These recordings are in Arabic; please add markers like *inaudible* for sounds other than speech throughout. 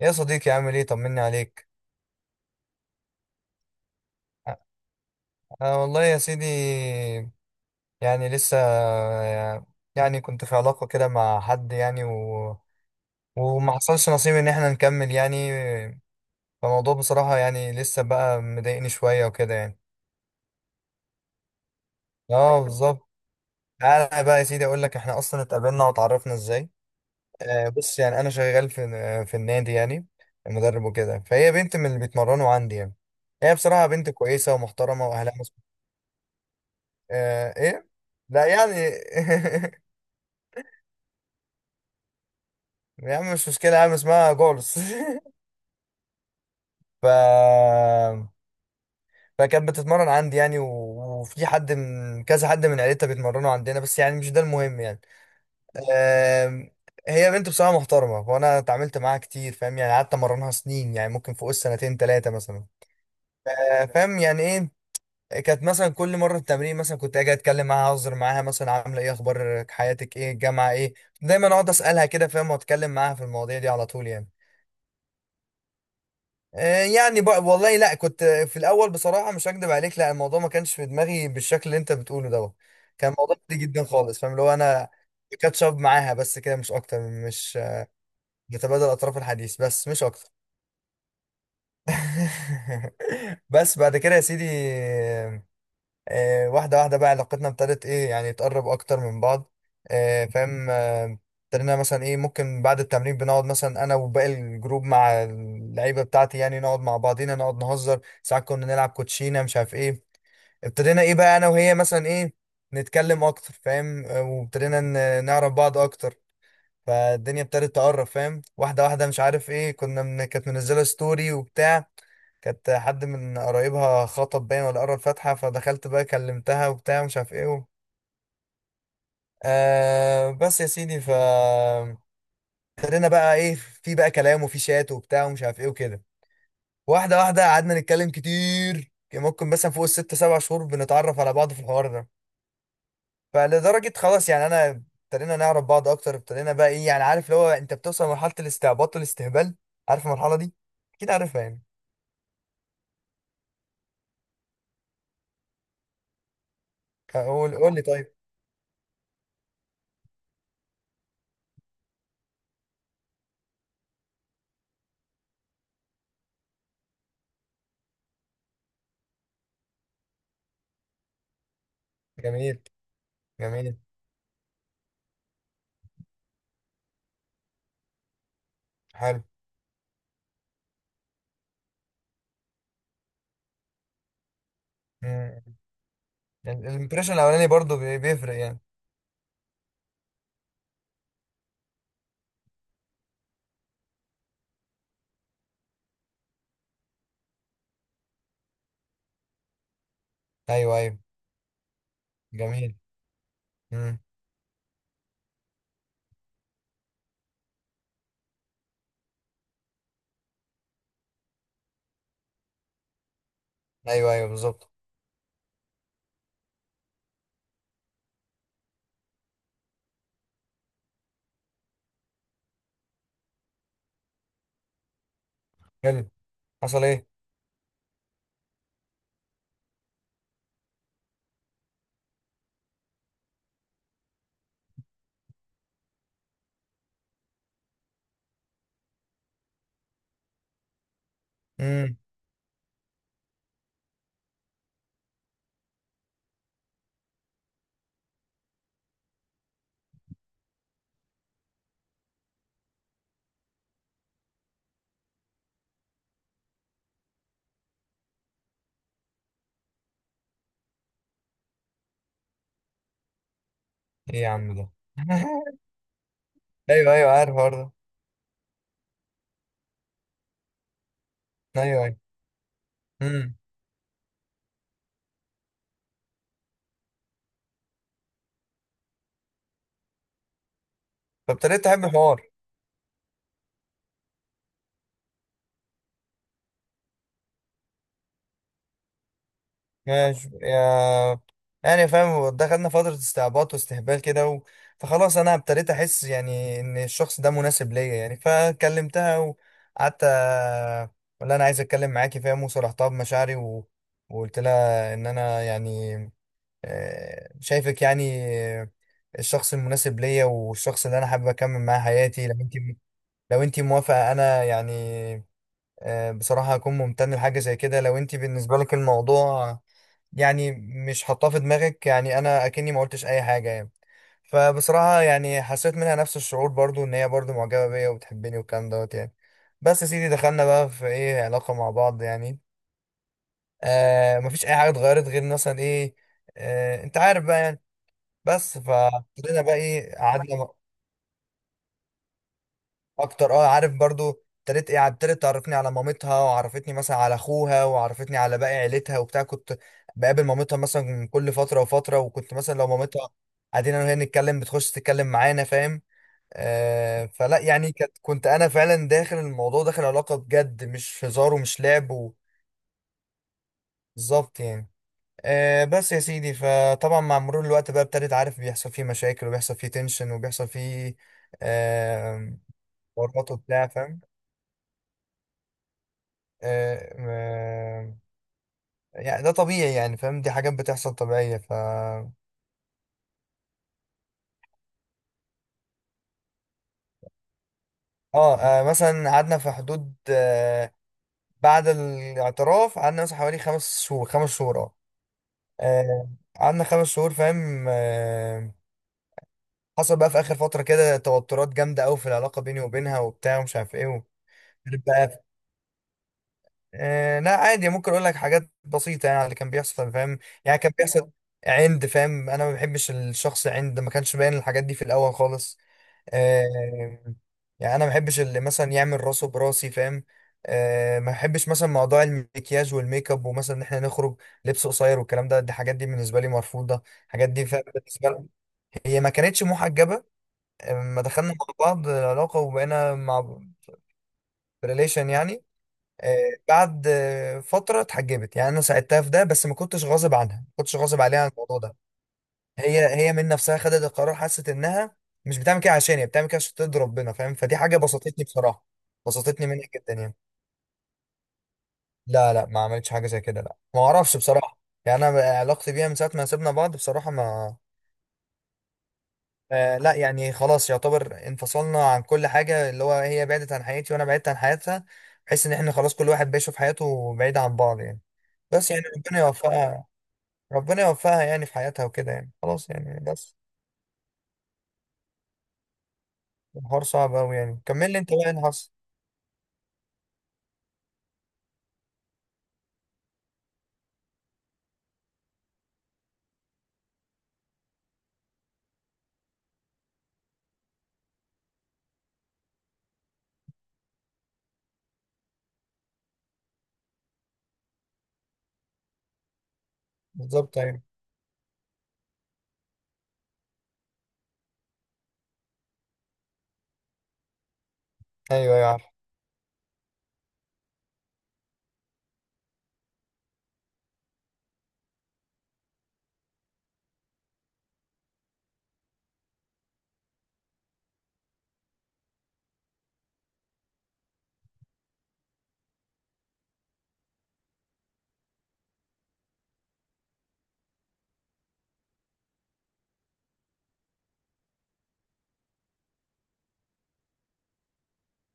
يا صديقي، عامل ايه؟ طمني عليك. أ- أنا والله يا سيدي، يعني لسه، يعني كنت في علاقة كده مع حد يعني وما حصلش نصيب ان احنا نكمل يعني. فالموضوع بصراحة يعني لسه بقى مضايقني شوية وكده يعني. اه بالظبط. انا بقى يا سيدي اقول لك احنا اصلا اتقابلنا وتعرفنا ازاي. بص يعني انا شغال في النادي يعني، مدرب وكده، فهي بنت من اللي بيتمرنوا عندي يعني. هي بصراحة بنت كويسة ومحترمة وأهلها. آه ايه، لا يعني. *laughs* يا عم مش مشكلة يا عم، اسمها جولس. *laughs* ف فكانت بتتمرن عندي يعني، وفي حد من كذا حد من عيلتها بيتمرنوا عندنا، بس يعني مش ده المهم يعني. آم، هي بنت بصراحة محترمة، وانا اتعاملت معاها كتير فاهم يعني، قعدت امرنها سنين يعني ممكن فوق السنتين ثلاثة مثلا. فاهم يعني ايه. كانت مثلا كل مره التمرين مثلا كنت اجي اتكلم معاها، اهزر معاها، مثلا عامله ايه، اخبار حياتك ايه، الجامعه ايه، دايما اقعد اسالها كده فاهم، واتكلم معاها في المواضيع دي على طول يعني. يعني بقى والله لا، كنت في الاول بصراحه مش هكدب عليك، لا، الموضوع ما كانش في دماغي بالشكل اللي انت بتقوله دوت. كان موضوع عادي جدا خالص فاهم، اللي هو انا كاتشب معاها بس كده مش اكتر. مش بتبادل اطراف الحديث بس مش اكتر. *laughs* بس بعد كده يا سيدي، واحدة واحدة بقى علاقتنا ابتدت ايه يعني تقرب اكتر من بعض. آه، فاهم آه، ابتدينا مثلا ايه، ممكن بعد التمرين بنقعد مثلا انا وباقي الجروب مع اللعيبة بتاعتي يعني، نقعد مع بعضينا، نقعد نهزر، ساعات كنا نلعب كوتشينة مش عارف ايه. ابتدينا ايه بقى انا وهي مثلا ايه نتكلم اكتر فاهم. وابتدينا نعرف بعض اكتر. فالدنيا ابتدت تقرب فاهم، واحدة واحدة مش عارف ايه، كنا كانت منزلة ستوري وبتاع. كانت حد من قرايبها خطب باين ولا قرا الفاتحة، فدخلت بقى كلمتها وبتاع مش عارف ايه بس يا سيدي، ف ابتدينا بقى ايه، في بقى كلام وفي شات وبتاع ومش عارف ايه وكده. واحدة واحدة قعدنا نتكلم كتير، كان ممكن مثلا فوق ال6-7 شهور بنتعرف على بعض في الحوار ده. فلدرجة خلاص يعني انا، ابتدينا نعرف بعض اكتر، ابتدينا بقى ايه يعني عارف اللي هو انت بتوصل لمرحلة الاستعباط والاستهبال. عارف المرحلة دي؟ اكيد عارفها يعني. قول لي طيب. جميل. جميل. حلو. الامبريشن الاولاني برضو بيفرق يعني. ايوه، ايوه. جميل. امم. ايوه، ايوه، بالظبط. حلو. حصل ايه؟ امم. ايه يا عم ده. *laughs* ايوه، ايوه، عارف الحوار ده. ايوه، ايوه. امم. فابتديت احب الحوار. ماشي يا، يعني فاهم دخلنا فترة استعباط واستهبال كده فخلاص انا ابتديت احس يعني ان الشخص ده مناسب ليا يعني، فكلمتها وقعدت، ولا انا عايز اتكلم معاكي فاهم، وصرحتها بمشاعري وقلت لها ان انا يعني شايفك يعني آه، الشخص المناسب ليا، والشخص اللي انا حابب اكمل معاه حياتي، لو انت موافقه، انا يعني بصراحه هكون ممتن لحاجه زي كده. لو انت بالنسبه لك الموضوع يعني مش حاطاه في دماغك، يعني انا اكني ما قلتش اي حاجه يعني. فبصراحه يعني حسيت منها نفس الشعور برضو، ان هي برضو معجبه بيا وبتحبني والكلام دوت يعني. بس يا سيدي دخلنا بقى في ايه علاقه مع بعض يعني. آه مفيش اي حاجه اتغيرت غير مثلا ايه، آه انت عارف بقى يعني. بس فابتدينا بقى ايه، قعدنا اكتر اه، عارف برضو، ابتديت ايه، ابتدت تعرفني على مامتها، وعرفتني مثلا على اخوها، وعرفتني على باقي عيلتها وبتاع. كنت بقابل مامتها مثلا كل فتره وفتره، وكنت مثلا لو مامتها قاعدين انا وهي نتكلم، بتخش تتكلم معانا فاهم. آه فلا يعني كانت، كنت انا فعلا داخل الموضوع، داخل علاقه بجد، مش هزار ومش لعب بالظبط يعني. آه بس يا سيدي، فطبعا مع مرور الوقت بقى ابتديت، عارف، بيحصل فيه مشاكل وبيحصل فيه تنشن وبيحصل فيه آه، ورطه بتاع فاهم. آه، ما- يعني ده طبيعي يعني فاهم، دي حاجات بتحصل طبيعية ف اه. مثلا قعدنا في حدود، بعد الاعتراف قعدنا مثلا حوالي 5 شهور، 5 شهور اه. آه، قعدنا خمس شهور فاهم. حصل بقى في آخر فترة كده توترات جامدة أوي في العلاقة بيني وبينها وبتاع ومش عارف ايه بقى. آه لا عادي، ممكن اقول لك حاجات بسيطه يعني على اللي كان بيحصل فاهم. يعني كان بيحصل عند فاهم، انا ما بحبش الشخص، عند ما كانش باين الحاجات دي في الاول خالص. آه يعني انا ما بحبش اللي مثلا يعمل راسه براسي فاهم. آه ما بحبش مثلا موضوع المكياج والميك اب، ومثلا ان احنا نخرج لبس قصير والكلام ده، دي الحاجات دي بالنسبه لي مرفوضه، الحاجات دي فاهم بالنسبه لي. هي ما كانتش محجبه. لما دخلنا مع بعض العلاقه وبقينا مع ريليشن يعني. آه، بعد آه، فترة اتحجبت يعني، أنا ساعدتها في ده بس ما كنتش غاصب عنها، ما كنتش غاصب عليها عن الموضوع ده. هي هي من نفسها خدت القرار، حست إنها مش بتعمل كده، عشان هي بتعمل كده عشان ترضي ربنا فاهم، فدي حاجة بسطتني بصراحة، بسطتني منها جدا يعني. لا، لا، ما عملتش حاجة زي كده، لا ما أعرفش بصراحة. يعني أنا علاقتي بيها من ساعة ما سيبنا بعض بصراحة ما، آه لا يعني خلاص يعتبر انفصلنا عن كل حاجة، اللي هو هي بعدت عن حياتي وأنا بعدت عن حياتها، بحيث إن إحنا خلاص كل واحد بيشوف حياته بعيد عن بعض يعني. بس يعني ربنا يوفقها، ربنا يوفقها يعني في حياتها وكده يعني خلاص يعني بس. الحوار صعب أوي يعني. كمل لي أنت بقى إيه اللي حصل. بالظبط. أيوه، أيوه، يا عارف.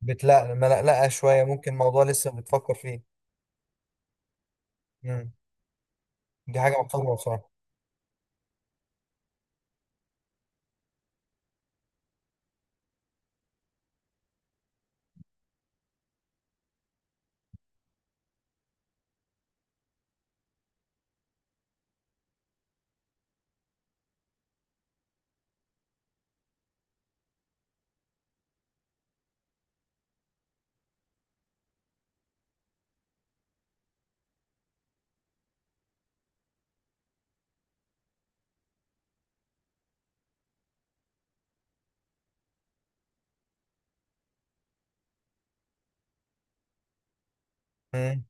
بتلقلق ملقلقة شوية، ممكن موضوع لسه بتفكر فيه. امم. دي حاجة محترمة بصراحة. امم.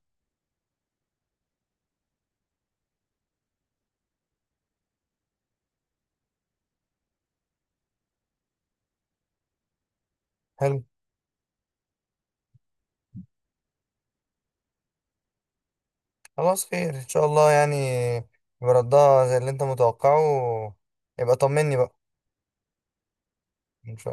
حلو. خلاص، خير إن شاء الله يعني، يبقى ردها زي اللي أنت متوقعه. يبقى طمني بقى. إن شاء.